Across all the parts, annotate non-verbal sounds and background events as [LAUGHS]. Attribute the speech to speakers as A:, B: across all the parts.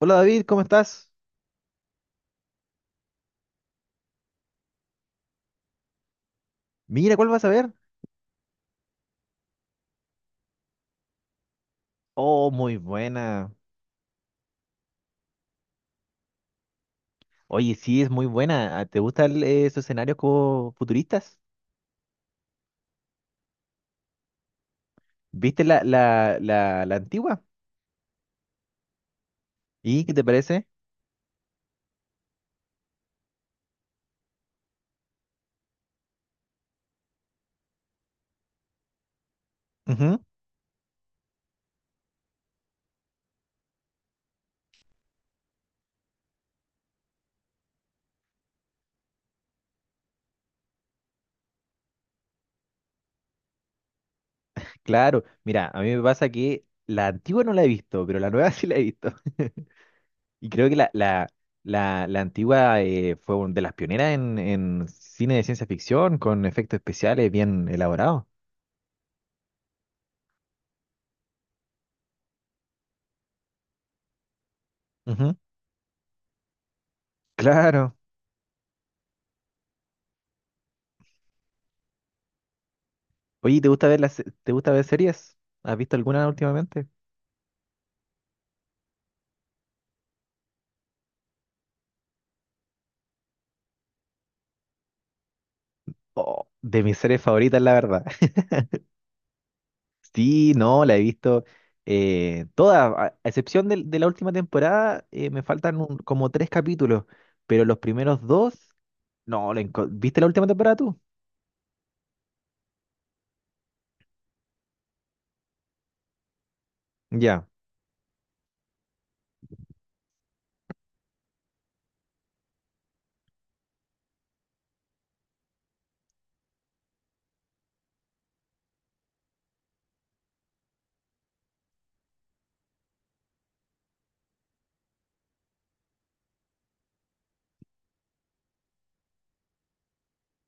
A: Hola David, ¿cómo estás? Mira, ¿cuál vas a ver? Oh, muy buena. Oye, sí, es muy buena. Ah, ¿te gustan esos escenarios como futuristas? ¿Viste la antigua? ¿Y qué te parece? Ujú. Claro, mira, a mí me pasa que la antigua no la he visto, pero la nueva [LAUGHS] sí la he visto. [LAUGHS] Y creo que la antigua de las pioneras en cine de ciencia ficción, con efectos especiales bien elaborados. Ujú. Claro. Oye, ¿te gusta te gusta ver series? ¿Has visto alguna últimamente? Oh, de mis series favoritas, la verdad. [LAUGHS] Sí, no, la he visto toda, a excepción de la última temporada, me faltan como tres capítulos, pero los primeros dos, no, ¿viste la última temporada tú? Ya.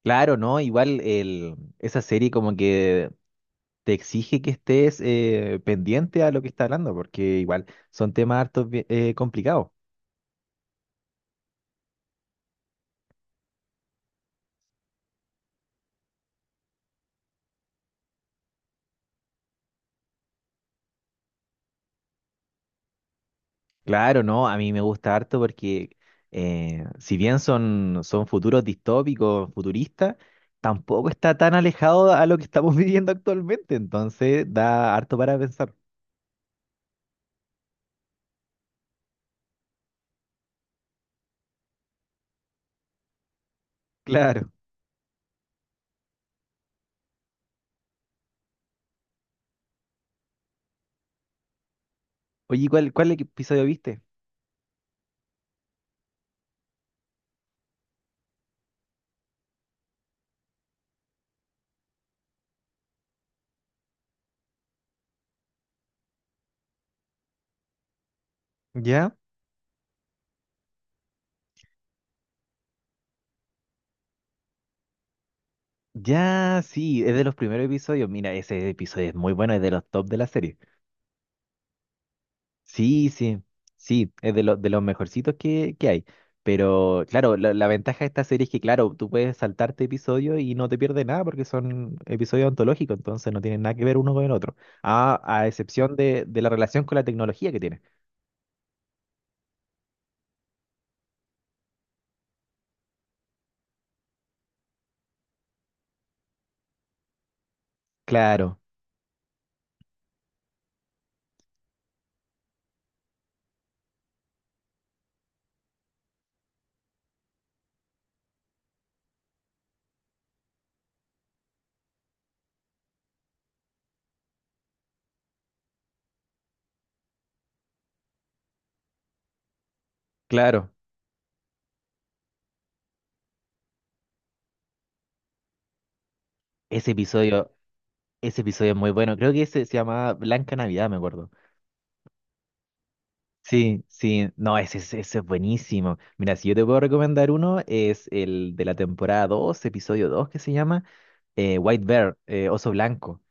A: Claro, no, esa serie como que te exige que estés pendiente a lo que está hablando, porque igual son temas hartos complicados. Claro, no, a mí me gusta harto porque si bien son, son futuros distópicos, futuristas, tampoco está tan alejado a lo que estamos [LAUGHS] viviendo actualmente, entonces da harto para pensar. Claro. Oye, cuál episodio viste? ¿Ya? Ya, sí, es de los primeros episodios. Mira, ese episodio es muy bueno, es de los top de la serie. Sí, sí, sí, es de los mejorcitos que hay. Pero claro, la ventaja de esta serie es que, claro, tú puedes saltarte episodios y no te pierdes nada porque son episodios ontológicos, entonces no tienen nada que ver uno con el otro. A excepción de la relación con la tecnología que tiene. Claro, claro. Ese episodio, ese episodio es muy bueno. Creo que ese se llamaba Blanca Navidad, me acuerdo. Sí, sí, no, ese es buenísimo. Mira, si yo te puedo recomendar uno, es el de la temporada 2, episodio 2, que se llama White Bear, Oso Blanco,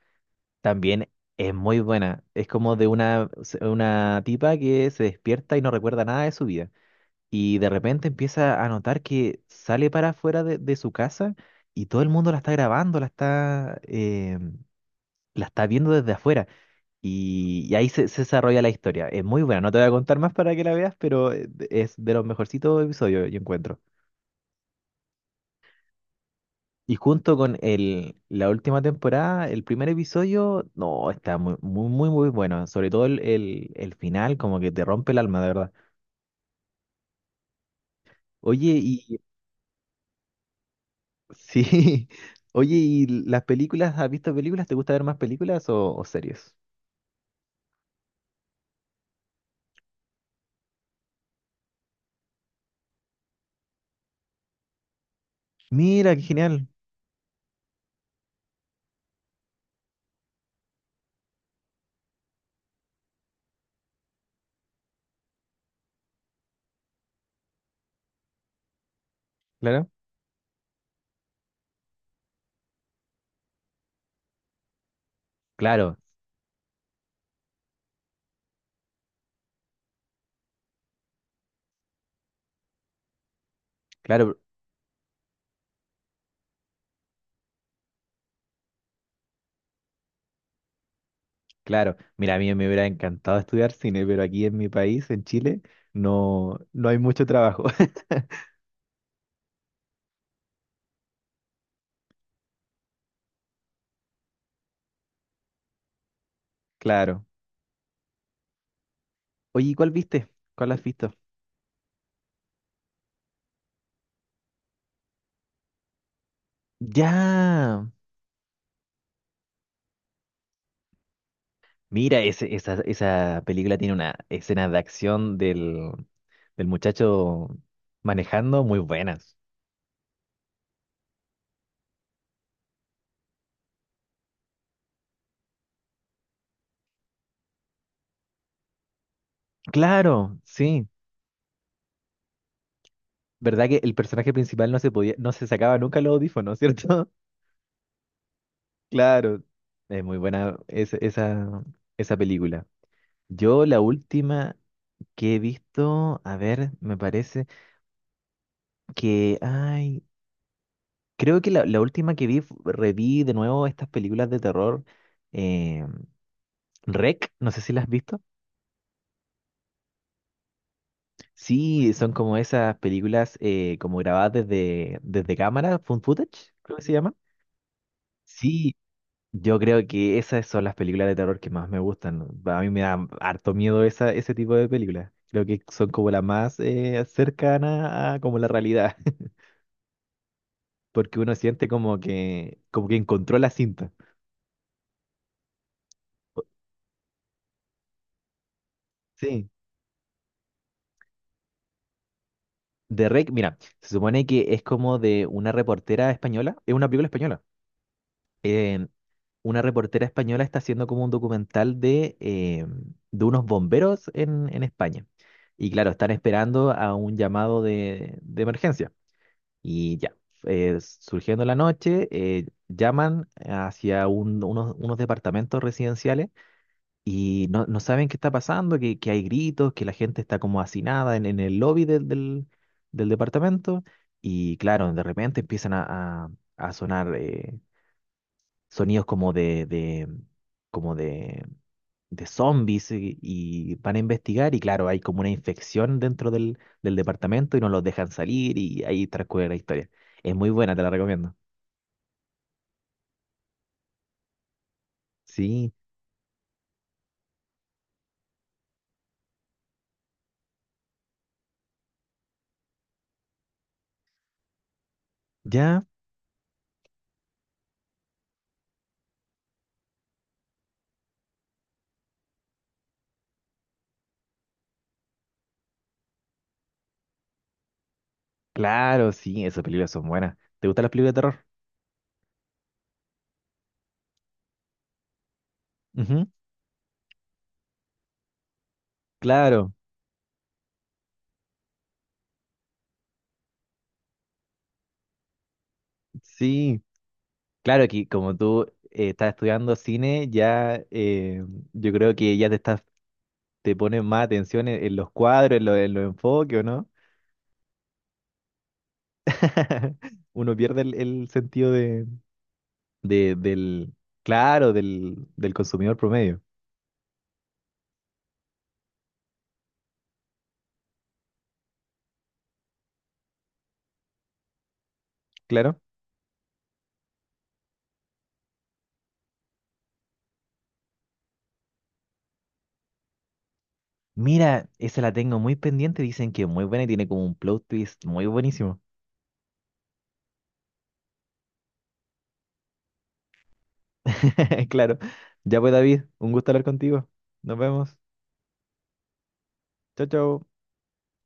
A: también es muy buena. Es como de una tipa que se despierta y no recuerda nada de su vida. Y de repente empieza a notar que sale para afuera de su casa y todo el mundo la está grabando, la está viendo desde afuera. Y ahí se desarrolla la historia. Es muy buena. No te voy a contar más para que la veas, pero es de los mejorcitos episodios, yo encuentro. Y junto con la última temporada, el primer episodio, no, está muy, muy, muy, muy bueno. Sobre todo el final, como que te rompe el alma, de verdad. Oye, sí, [LAUGHS] oye, ¿y las películas? ¿Has visto películas? ¿Te gusta ver más películas o series? Mira, qué genial. Claro. Claro, claro, claro. Mira, a mí me hubiera encantado estudiar cine, pero aquí en mi país, en Chile, no, no hay mucho trabajo. [LAUGHS] Claro. Oye, ¿cuál viste? ¿Cuál has visto? Ya. Mira, esa película tiene una escena de acción del muchacho manejando muy buenas. Claro, sí. ¿Verdad que el personaje principal no se sacaba nunca los audífonos, ¿cierto? [LAUGHS] Claro. Es muy buena esa película. Yo la última que he visto, a ver, me parece que, ay, creo que la última que vi, reví de nuevo estas películas de terror, eh, Rec, no sé si las has visto. Sí, son como esas películas como grabadas desde cámara, found footage, creo que se llama. Sí, yo creo que esas son las películas de terror que más me gustan. A mí me da harto miedo esa, ese tipo de películas. Creo que son como las más cercanas a como la realidad, [LAUGHS] porque uno siente como que encontró la cinta. Sí, de Rec, mira, se supone que es como de una reportera española, es una película española. eh, una reportera española está haciendo como un documental de unos bomberos en España. Y claro, están esperando a un llamado de emergencia. Y ya, surgiendo la noche, llaman hacia unos, unos departamentos residenciales y no, no saben qué está pasando, que hay gritos, que la gente está como hacinada en el lobby del departamento. Y claro, de repente empiezan a sonar sonidos como como de zombies y van a investigar y claro, hay como una infección dentro del departamento y no los dejan salir y ahí transcurre la historia. Es muy buena, te la recomiendo. Sí, ya, claro, sí, esas películas son buenas. ¿Te gustan las películas de terror? Ujú. Claro, sí, claro que como tú estás estudiando cine, ya yo creo que ya te estás, te pones más atención en los cuadros, en los enfoques, ¿o no? [LAUGHS] Uno pierde el sentido de- del, claro, del consumidor promedio. Claro. Mira, esa la tengo muy pendiente. Dicen que es muy buena y tiene como un plot twist muy buenísimo. [LAUGHS] Claro. Ya pues, David, un gusto hablar contigo. Nos vemos. Chao, chao.